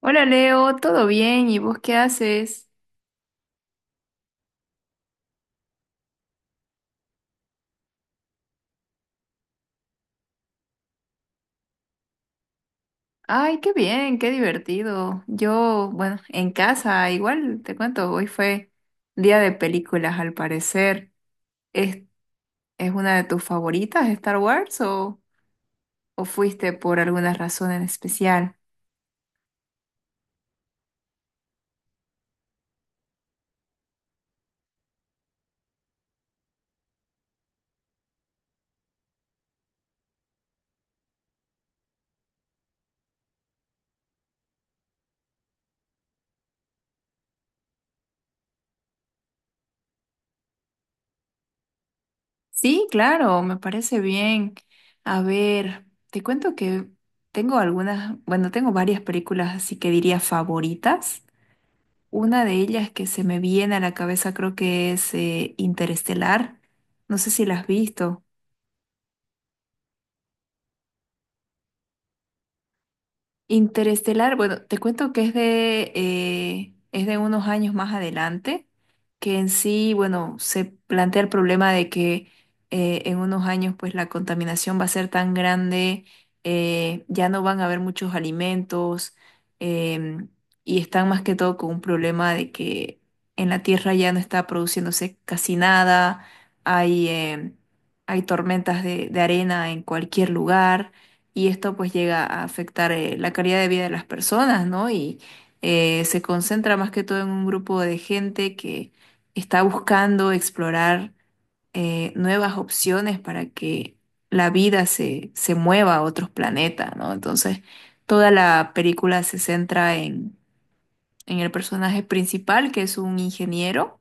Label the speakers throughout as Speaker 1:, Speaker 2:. Speaker 1: Hola Leo, ¿todo bien? ¿Y vos qué haces? Ay, qué bien, qué divertido. Yo, bueno, en casa, igual te cuento, hoy fue día de películas al parecer. ¿Es, ¿Es una de tus favoritas, Star Wars, o fuiste por alguna razón en especial? Sí, claro, me parece bien. A ver, te cuento que tengo algunas, bueno, tengo varias películas, así que diría favoritas. Una de ellas que se me viene a la cabeza creo que es Interestelar. No sé si la has visto. Interestelar, bueno, te cuento que es es de unos años más adelante, que en sí, bueno, se plantea el problema de que en unos años pues la contaminación va a ser tan grande, ya no van a haber muchos alimentos, em, y están más que todo con un problema de que en la Tierra ya no está produciéndose casi nada, hay, em, hay tormentas de arena en cualquier lugar y esto pues llega a afectar la calidad de vida de las personas, ¿no? Y se concentra más que todo en un grupo de gente que está buscando explorar nuevas opciones para que la vida se mueva a otros planetas, ¿no? Entonces, toda la película se centra en el personaje principal, que es un ingeniero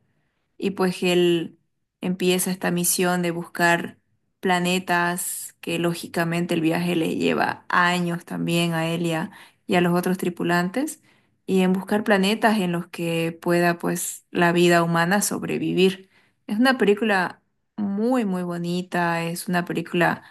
Speaker 1: y pues él empieza esta misión de buscar planetas, que lógicamente el viaje le lleva años también a él y a los otros tripulantes, y en buscar planetas en los que pueda pues la vida humana sobrevivir. Es una película muy, muy bonita, es una película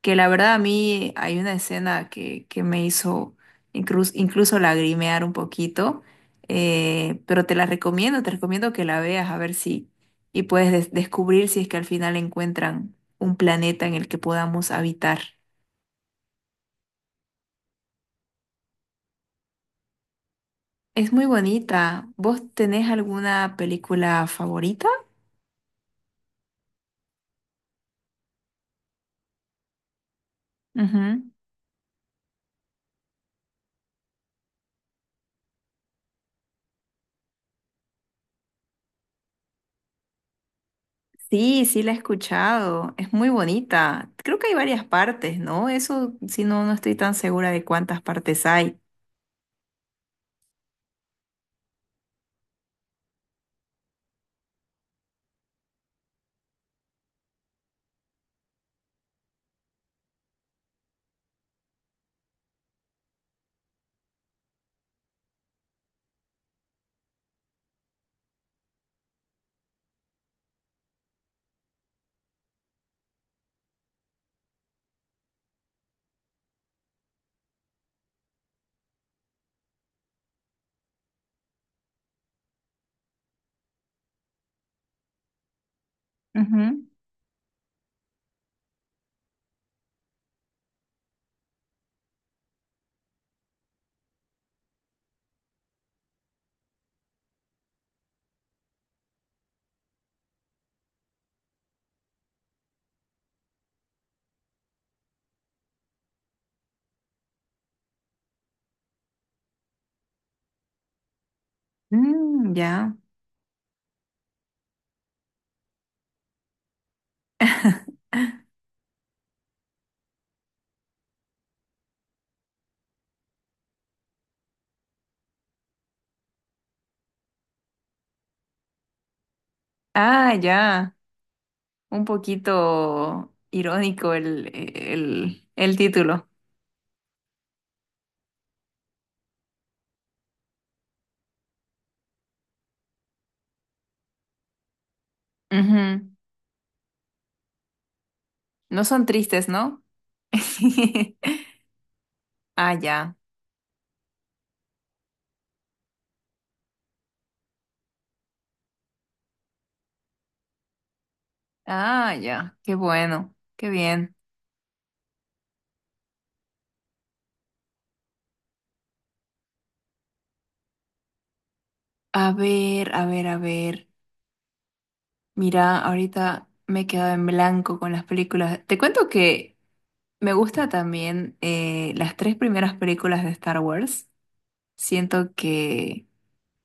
Speaker 1: que la verdad a mí hay una escena que me hizo incluso, incluso lagrimear un poquito, pero te la recomiendo, te recomiendo que la veas a ver si y puedes descubrir si es que al final encuentran un planeta en el que podamos habitar. Es muy bonita. ¿Vos tenés alguna película favorita? Ujú. Sí, sí la he escuchado. Es muy bonita. Creo que hay varias partes, ¿no? Eso, si no, no estoy tan segura de cuántas partes hay. Ujú. Mm, ya. Ah, ya. Un poquito irónico el título. Ujú. No son tristes, ¿no? Ah, ya. Ah, ya. Qué bueno. Qué bien. A ver, a ver, a ver. Mira, ahorita me he quedado en blanco con las películas. Te cuento que me gusta también las tres primeras películas de Star Wars. Siento que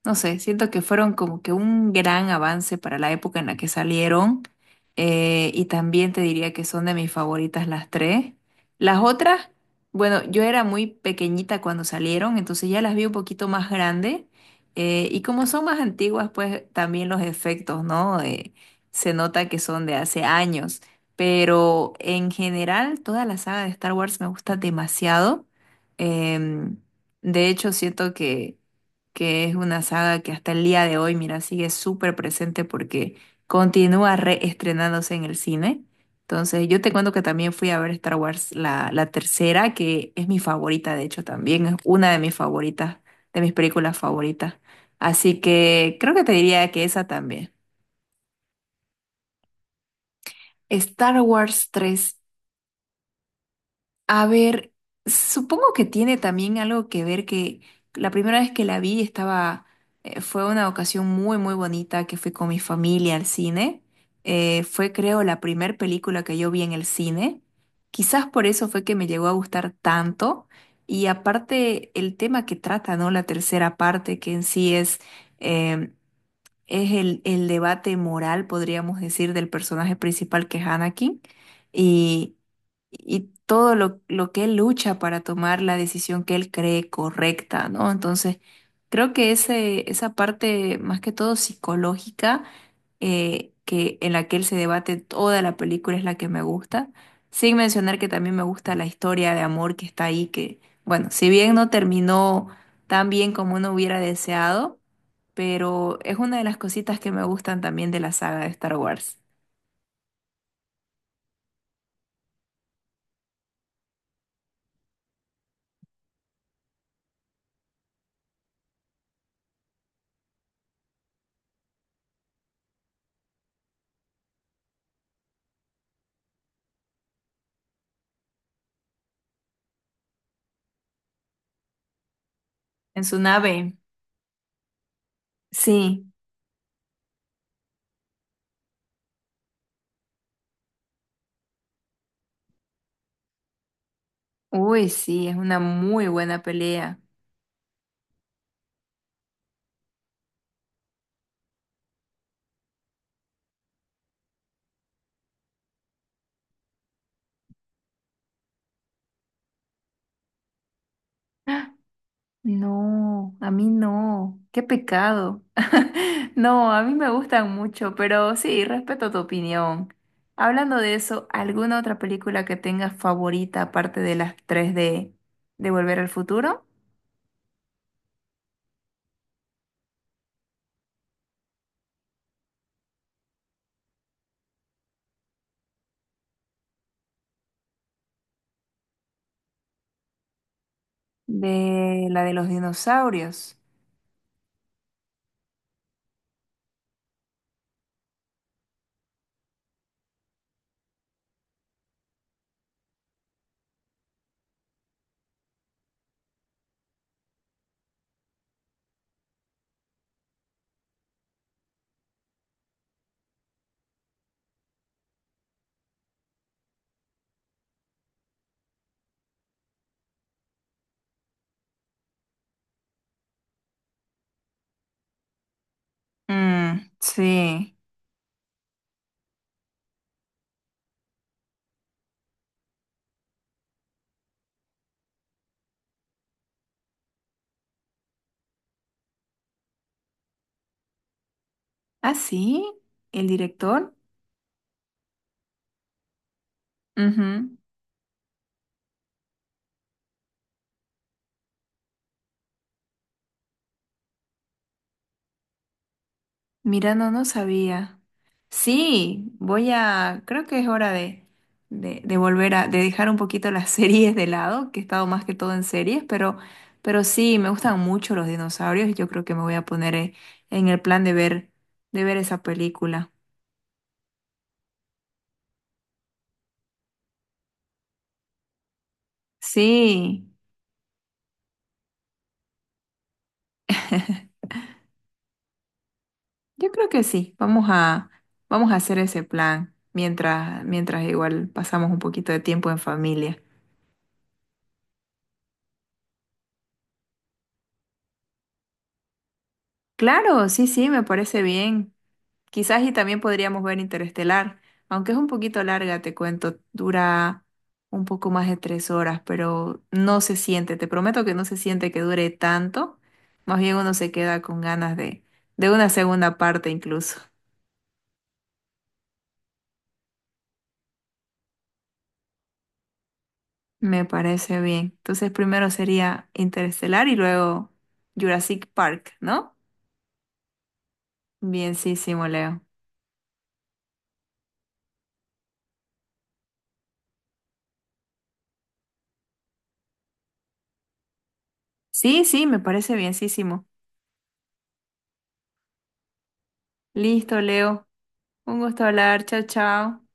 Speaker 1: no sé, siento que fueron como que un gran avance para la época en la que salieron. Eh, y también te diría que son de mis favoritas las tres. Las otras, bueno, yo era muy pequeñita cuando salieron, entonces ya las vi un poquito más grande. Eh, y como son más antiguas, pues también los efectos, ¿no? Se nota que son de hace años. Pero en general, toda la saga de Star Wars me gusta demasiado. em, de hecho, siento que es una saga que hasta el día de hoy, mira, sigue súper presente porque continúa reestrenándose en el cine. Entonces, yo te cuento que también fui a ver Star Wars, la tercera, que es mi favorita, de hecho, también es una de mis favoritas, de mis películas favoritas. Así que creo que te diría que esa también. Star Wars tres. A ver, supongo que tiene también algo que ver que la primera vez que la vi estaba, fue una ocasión muy, muy bonita que fui con mi familia al cine. Fue, creo, la primera película que yo vi en el cine. Quizás por eso fue que me llegó a gustar tanto. Y aparte, el tema que trata, ¿no? La tercera parte, que en sí eh, es el debate moral, podríamos decir, del personaje principal que es Anakin y todo lo que él lucha para tomar la decisión que él cree correcta, ¿no? Entonces, creo que esa parte más que todo psicológica en la que él se debate toda la película es la que me gusta, sin mencionar que también me gusta la historia de amor que está ahí, que, bueno, si bien no terminó tan bien como uno hubiera deseado, pero es una de las cositas que me gustan también de la saga de Star Wars. En su nave. Sí. Uy, sí, es una muy buena pelea. No, a mí no. Qué pecado. No, a mí me gustan mucho, pero sí, respeto tu opinión. Hablando de eso, ¿alguna otra película que tengas favorita aparte de las tres de Volver al Futuro? De la de los dinosaurios. Mm, sí. ¿Ah, sí? ¿El director? Ujú. Mira, no, no sabía. Sí, voy a, creo que es hora de volver a, de dejar un poquito las series de lado, que he estado más que todo en series, pero sí, me gustan mucho los dinosaurios y yo creo que me voy a poner en el plan de ver esa película. Sí, yo creo que sí. Vamos a, vamos a hacer ese plan mientras, mientras igual pasamos un poquito de tiempo en familia. Claro, sí, sí, me parece bien. Quizás y también podríamos ver Interestelar, aunque es un poquito larga, te cuento, dura un poco más de 3 horas, pero no se siente, te prometo que no se siente que dure tanto, más bien uno se queda con ganas de una segunda parte incluso. Me parece bien. Entonces primero sería Interestelar y luego Jurassic Park, ¿no? Bienísimo, Leo. Sí, sí, me parece bienísimo. Listo, Leo. Un gusto hablar. Chao, chao.